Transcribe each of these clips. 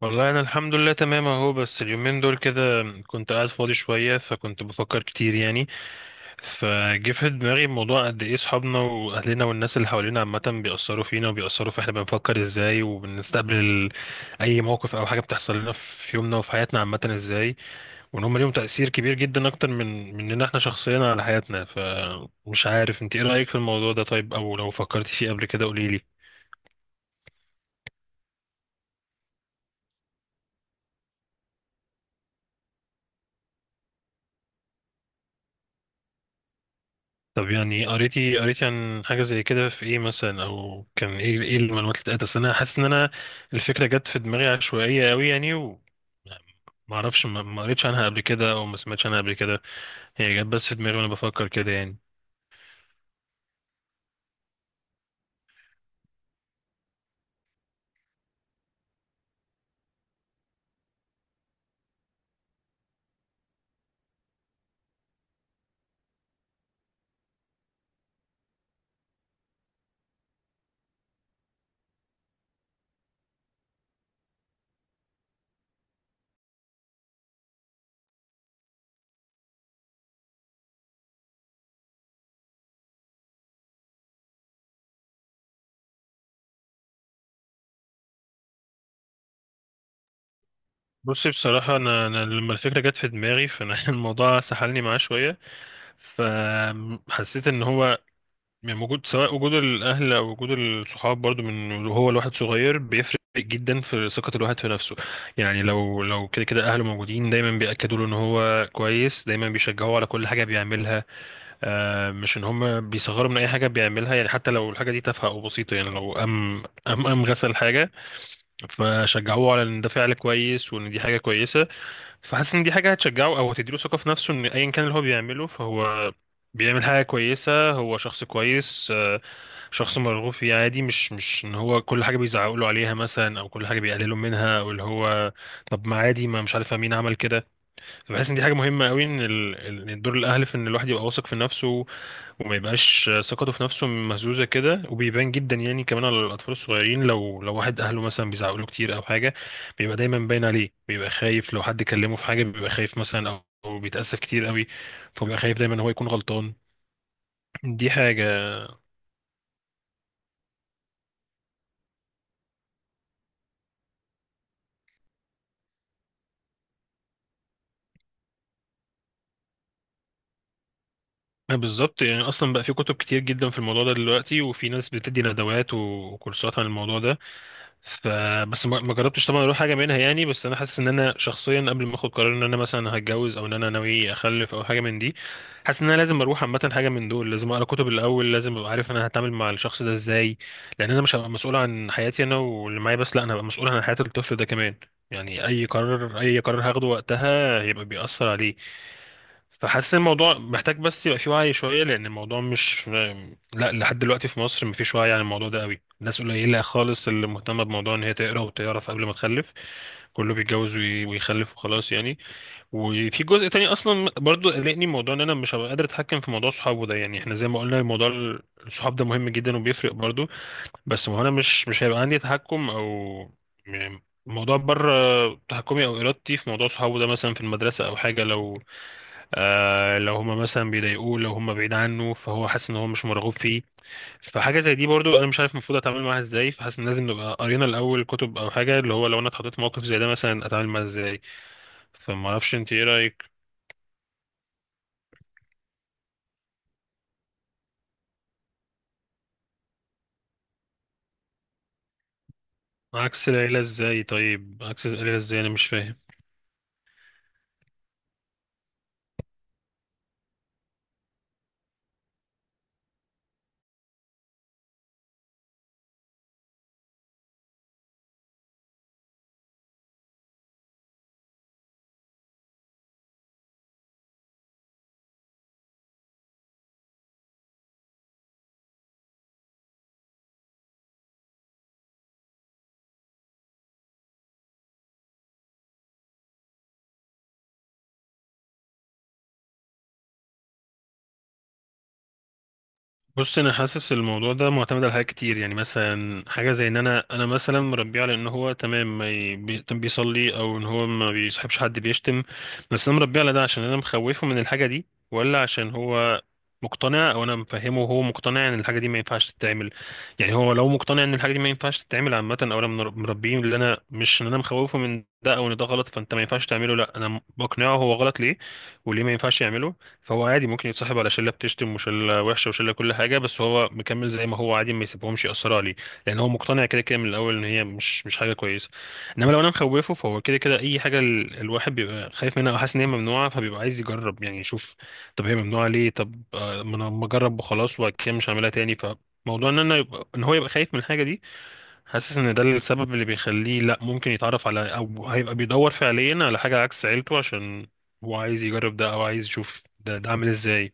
والله انا الحمد لله تمام اهو. بس اليومين دول كده كنت قاعد فاضي شويه فكنت بفكر كتير يعني. فجه في دماغي موضوع، قد ايه صحابنا واهلنا والناس اللي حوالينا عامه بيأثروا فينا، وبيأثروا في احنا بنفكر ازاي، وبنستقبل اي موقف او حاجه بتحصل لنا في يومنا وفي حياتنا عامه ازاي، وان هم ليهم تأثير كبير جدا اكتر من مننا احنا شخصيا على حياتنا. فمش عارف انت ايه رأيك في الموضوع ده، طيب؟ او لو فكرت فيه قبل كده قوليلي. طب يعني قريتي عن حاجة زي كده في ايه مثلا، او كان ايه المعلومات اللي اتقالت؟ اصل انا حاسس ان انا الفكرة جت في دماغي عشوائية قوي يعني، و ما اعرفش، ما قريتش عنها قبل كده او ما سمعتش عنها قبل كده. هي جت بس في دماغي وانا بفكر كده يعني. بصي بصراحة، أنا لما الفكرة جت في دماغي فأنا الموضوع سحلني معاه شوية. فحسيت إن هو يعني وجود، سواء وجود الأهل أو وجود الصحاب برضو، من هو الواحد صغير بيفرق جدا في ثقة الواحد في نفسه. يعني لو كده كده أهله موجودين دايما بيأكدوا له إن هو كويس، دايما بيشجعوه على كل حاجة بيعملها. آه، مش إن هم بيصغروا من أي حاجة بيعملها. يعني حتى لو الحاجة دي تافهة أو بسيطة، يعني لو قام غسل حاجة فشجعوه على إن ده فعل كويس وإن دي حاجة كويسة. فحاسس ان دي حاجه هتشجعه او هتديله ثقه في نفسه ان ايا كان اللي هو بيعمله فهو بيعمل حاجه كويسه، هو شخص كويس، شخص مرغوب فيه عادي. مش ان هو كل حاجه بيزعقوا له عليها مثلا، او كل حاجه بيقللوا منها، او اللي هو طب ما عادي، ما مش عارف مين عمل كده. بحس ان دي حاجه مهمه قوي، ان إن دور الاهل في ان الواحد يبقى واثق في نفسه، وما يبقاش ثقته في نفسه مهزوزه كده. وبيبان جدا يعني كمان على الاطفال الصغيرين، لو واحد اهله مثلا بيزعقوا له كتير او حاجه بيبقى دايما باين عليه، بيبقى خايف لو حد كلمه في حاجه، بيبقى خايف مثلا، او بيتأسف كتير قوي، فبيبقى خايف دايما هو يكون غلطان. دي حاجه. بالظبط، يعني اصلا بقى في كتب كتير جدا في الموضوع ده دلوقتي، وفي ناس بتدي ندوات وكورسات عن الموضوع ده. ف بس ما جربتش طبعا اروح حاجه منها يعني. بس انا حاسس ان انا شخصيا قبل ما اخد قرار ان انا مثلا هتجوز او ان انا ناوي اخلف او حاجه من دي، حاسس ان انا لازم اروح عامه حاجه من دول، لازم اقرا كتب الاول، لازم ابقى عارف انا هتعامل مع الشخص ده ازاي، لان انا مش هبقى مسؤول عن حياتي انا واللي معايا بس، لا انا هبقى مسؤول عن حياه الطفل ده كمان. يعني اي قرار، اي قرار هاخده وقتها هيبقى بيأثر عليه. فحاسس الموضوع محتاج بس يبقى فيه وعي شوية، لأن الموضوع مش لا. لحد دلوقتي في مصر مفيش وعي عن الموضوع ده قوي، الناس قليلة خالص اللي مهتمة بموضوع إن هي تقرا وتعرف قبل ما تخلف. كله بيتجوز ويخلف وخلاص يعني. وفي جزء تاني أصلا برضو قلقني، موضوع إن أنا مش هبقى قادر أتحكم في موضوع صحابه ده. يعني إحنا زي ما قلنا، الموضوع الصحاب ده مهم جدا وبيفرق برضو. بس ما هو انا مش هيبقى عندي تحكم، او يعني الموضوع بره تحكمي او ارادتي، في موضوع صحابه ده مثلا في المدرسه او حاجه. لو آه، لو هما مثلا بيضايقوه، لو هما بعيد عنه فهو حاسس ان هو مش مرغوب فيه. فحاجه زي دي برضو انا مش عارف المفروض اتعامل معاها ازاي. فحاسس ان لازم نبقى قرينا الاول كتب او حاجه، اللي هو لو انا اتحطيت في موقف زي ده مثلا اتعامل معاه ازاي. فما اعرفش انت ايه رايك. عكس العيله ازاي؟ طيب عكس العيله ازاي؟ انا مش فاهم. بص انا حاسس الموضوع ده معتمد على حاجات كتير. يعني مثلا حاجه زي ان انا مثلا مربيه على ان هو تمام ما ي- بي- بيصلي، او ان هو ما بيصاحبش حد بيشتم. بس انا مربيه على ده عشان انا مخوفه من الحاجه دي، ولا عشان هو مقتنع، او انا مفهمه وهو مقتنع ان الحاجه دي ما ينفعش تتعمل؟ يعني هو لو مقتنع ان الحاجه دي ما ينفعش تتعمل عامه، او انا مربيه اللي انا مش ان انا مخوفه من ده او ان ده غلط فانت ما ينفعش تعمله، لا انا بقنعه هو غلط ليه وليه ما ينفعش يعمله، فهو عادي ممكن يتصاحب على شله بتشتم وشله وحشه وشله كل حاجه، بس هو مكمل زي ما هو عادي، ما يسيبهمش ياثروا عليه، لان هو مقتنع كده كده من الاول ان هي مش حاجه كويسه. انما لو انا مخوفه فهو كده كده اي حاجه الواحد بيبقى خايف منها او حاسس ان هي ممنوعه، فبيبقى عايز يجرب يعني يشوف. طب هي ممنوعه ليه؟ طب ما انا ما اجرب وخلاص، وبعد كده مش هعملها تاني. فموضوع ان انا يبقى ان هو يبقى خايف من الحاجه دي، حاسس ان ده السبب اللي بيخليه لا ممكن يتعرف على، او هيبقى بيدور فعليا على حاجة عكس عيلته عشان هو عايز يجرب ده، او عايز يشوف ده عامل ازاي.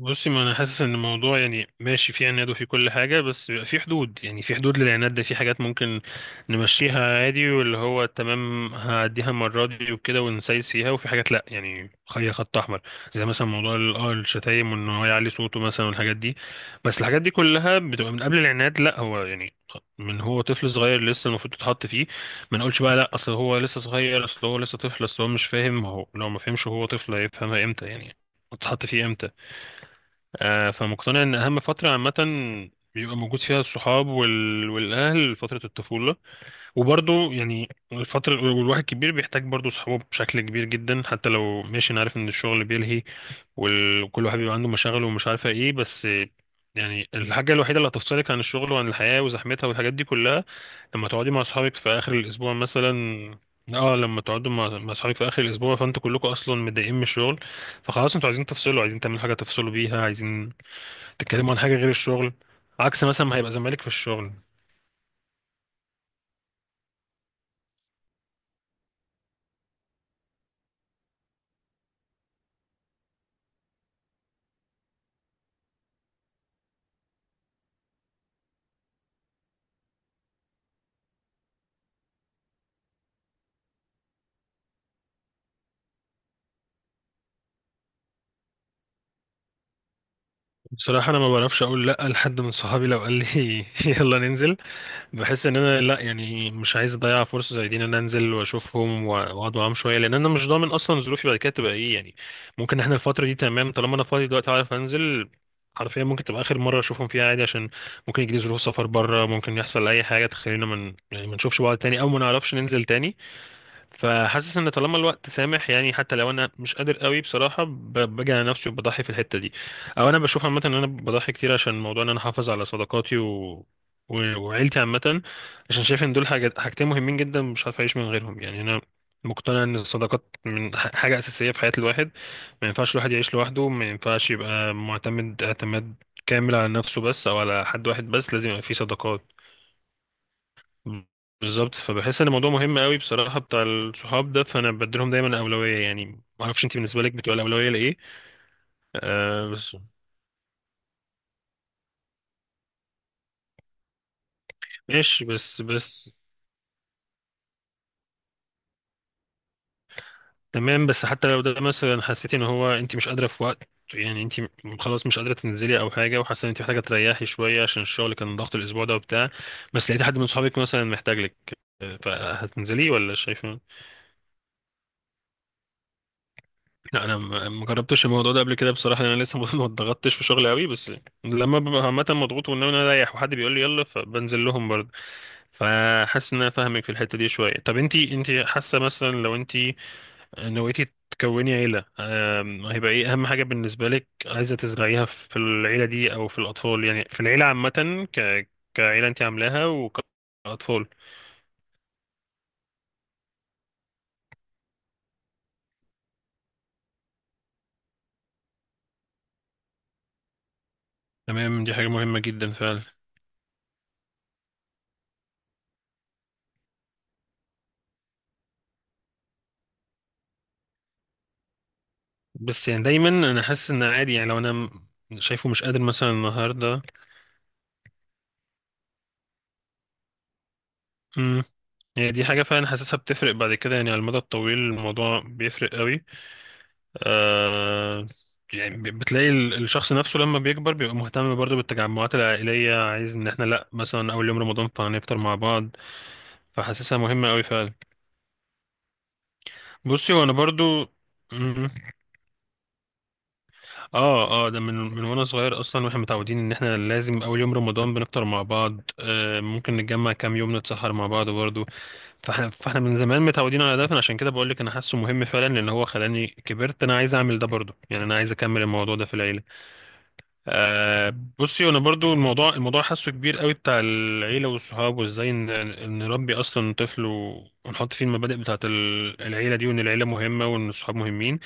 بصي، ما انا حاسس ان الموضوع يعني ماشي، في عناد وفي كل حاجه، بس بيبقى في حدود. يعني في حدود للعناد ده، في حاجات ممكن نمشيها عادي واللي هو تمام هعديها المره دي وكده ونسايس فيها، وفي حاجات لا، يعني خليها خط احمر، زي مثلا موضوع الشتايم وان هو يعلي صوته مثلا والحاجات دي. بس الحاجات دي كلها بتبقى من قبل العناد لا، هو يعني من هو طفل صغير لسه المفروض تتحط فيه. ما نقولش بقى لا اصل هو لسه صغير، اصل هو لسه طفل، اصل هو مش فاهم. ما هو لو ما فهمش هو طفل، هيفهمها امتى يعني؟ تتحط فيه امتى؟ فمقتنع ان اهم فتره عامه بيبقى موجود فيها الصحاب والاهل فتره الطفوله. وبرضه يعني الفتره والواحد كبير بيحتاج برضه صحابه بشكل كبير جدا. حتى لو ماشي، انا عارف ان الشغل بيلهي، وكل واحد بيبقى عنده مشاغل ومش عارفه ايه، بس يعني الحاجه الوحيده اللي هتفصلك عن الشغل وعن الحياه وزحمتها والحاجات دي كلها لما تقعدي مع اصحابك في اخر الاسبوع مثلا. اه، لما تقعدوا مع اصحابك في اخر الاسبوع، فانتوا كلكم اصلا متضايقين من الشغل، فخلاص انتوا عايزين تفصلوا، عايزين تعملوا حاجه تفصلوا بيها، عايزين تتكلموا عن حاجه غير الشغل. عكس مثلا ما هيبقى زمالك في الشغل. بصراحه انا ما بعرفش اقول لا لحد من صحابي لو قال لي يلا ننزل. بحس ان انا لا، يعني مش عايز اضيع فرصه زي دي، ان انا انزل واشوفهم واقعد معاهم شويه، لان انا مش ضامن اصلا ظروفي بعد كده تبقى ايه يعني. ممكن احنا الفتره دي تمام طالما انا فاضي دلوقتي عارف انزل، حرفيا ممكن تبقى اخر مره اشوفهم فيها عادي، عشان ممكن يجي لي ظروف سفر بره، ممكن يحصل اي حاجه تخلينا من يعني ما نشوفش بعض تاني او ما نعرفش ننزل تاني. فحاسس ان طالما الوقت سامح، يعني حتى لو انا مش قادر قوي بصراحه، باجي على نفسي وبضحي في الحته دي. او انا بشوف عامه ان انا بضحي كتير عشان موضوع ان انا احافظ على صداقاتي وعيلتي عامه، عشان شايف ان دول حاجات، حاجتين مهمين جدا مش عارف اعيش من غيرهم يعني. انا مقتنع ان الصداقات من حاجه اساسيه في حياه الواحد. ما ينفعش الواحد يعيش لوحده، ما ينفعش يبقى معتمد اعتماد كامل على نفسه بس، او على حد واحد بس. لازم يبقى فيه صداقات. بالظبط. فبحس ان الموضوع مهم قوي بصراحه بتاع الصحاب ده، فانا بديلهم دايما اولويه يعني. ما اعرفش انت بالنسبه لك بتبقى الاولويه لايه؟ آه بس. ماشي، بس تمام. بس حتى لو ده مثلا حسيتي ان هو انت مش قادره في وقت، يعني انت خلاص مش قادره تنزلي او حاجه، وحاسه ان انت محتاجه تريحي شويه عشان الشغل كان ضغط الاسبوع ده وبتاع، بس لقيتي حد من صحابك مثلا محتاج لك، فهتنزلي ولا شايفه؟ لا انا ما جربتش الموضوع ده قبل كده بصراحه، لأن انا لسه ما اتضغطتش في شغلي قوي. بس لما ببقى عامه مضغوط وان انا رايح وحد بيقول لي يلا، فبنزل لهم برضه. فحاسس ان انا فاهمك في الحته دي شويه. طب انتي حاسه مثلا لو انتي نويتي تكوني عيله، هيبقى ايه اهم حاجه بالنسبه لك عايزه تزرعيها في العيله دي او في الاطفال، يعني في العيله عامه كعيله انتي عاملاها، وكاطفال؟ تمام، دي حاجه مهمه جدا فعلا. بس يعني دايما انا حاسس ان عادي، يعني لو انا شايفه مش قادر مثلا النهارده. امم يعني دي حاجه فعلا حاسسها بتفرق بعد كده، يعني على المدى الطويل الموضوع بيفرق قوي. آه يعني بتلاقي الشخص نفسه لما بيكبر بيبقى مهتم برضه بالتجمعات العائليه، عايز ان احنا لا مثلا اول يوم رمضان فهنفطر مع بعض. فحاسسها مهمه قوي فعلا. بصي، وانا برضو. اه اه، ده من وانا صغير اصلا، واحنا متعودين ان احنا لازم اول يوم رمضان بنفطر مع بعض، ممكن نتجمع كام يوم نتسحر مع بعض برضه. فاحنا من زمان متعودين على ده. فانا عشان كده بقول لك انا حاسه مهم فعلا، لان هو خلاني كبرت انا عايز اعمل ده برضه، يعني انا عايز اكمل الموضوع ده في العيله. آه بصي انا برضه الموضوع حاسه كبير قوي بتاع العيله والصحاب وازاي نربي اصلا طفل، ونحط فيه المبادئ بتاعه العيله دي، وان العيله مهمه وان الصحاب مهمين.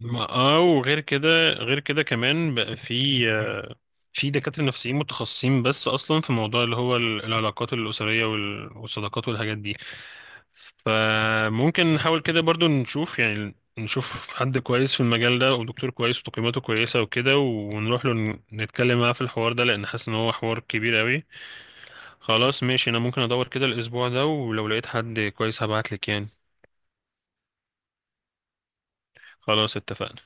ما اه، وغير كده غير كده كمان بقى في في دكاترة نفسيين متخصصين بس أصلا في موضوع اللي هو العلاقات الأسرية والصداقات والحاجات دي. فممكن نحاول كده برضو نشوف، يعني نشوف حد كويس في المجال ده، ودكتور كويس وتقييماته كويسة وكده، ونروح له نتكلم معاه في الحوار ده، لأن حاسس إن هو حوار كبير أوي. خلاص ماشي، أنا ممكن أدور كده الأسبوع ده، ولو لقيت حد كويس هبعتلك يعني. خلاص اتفقنا.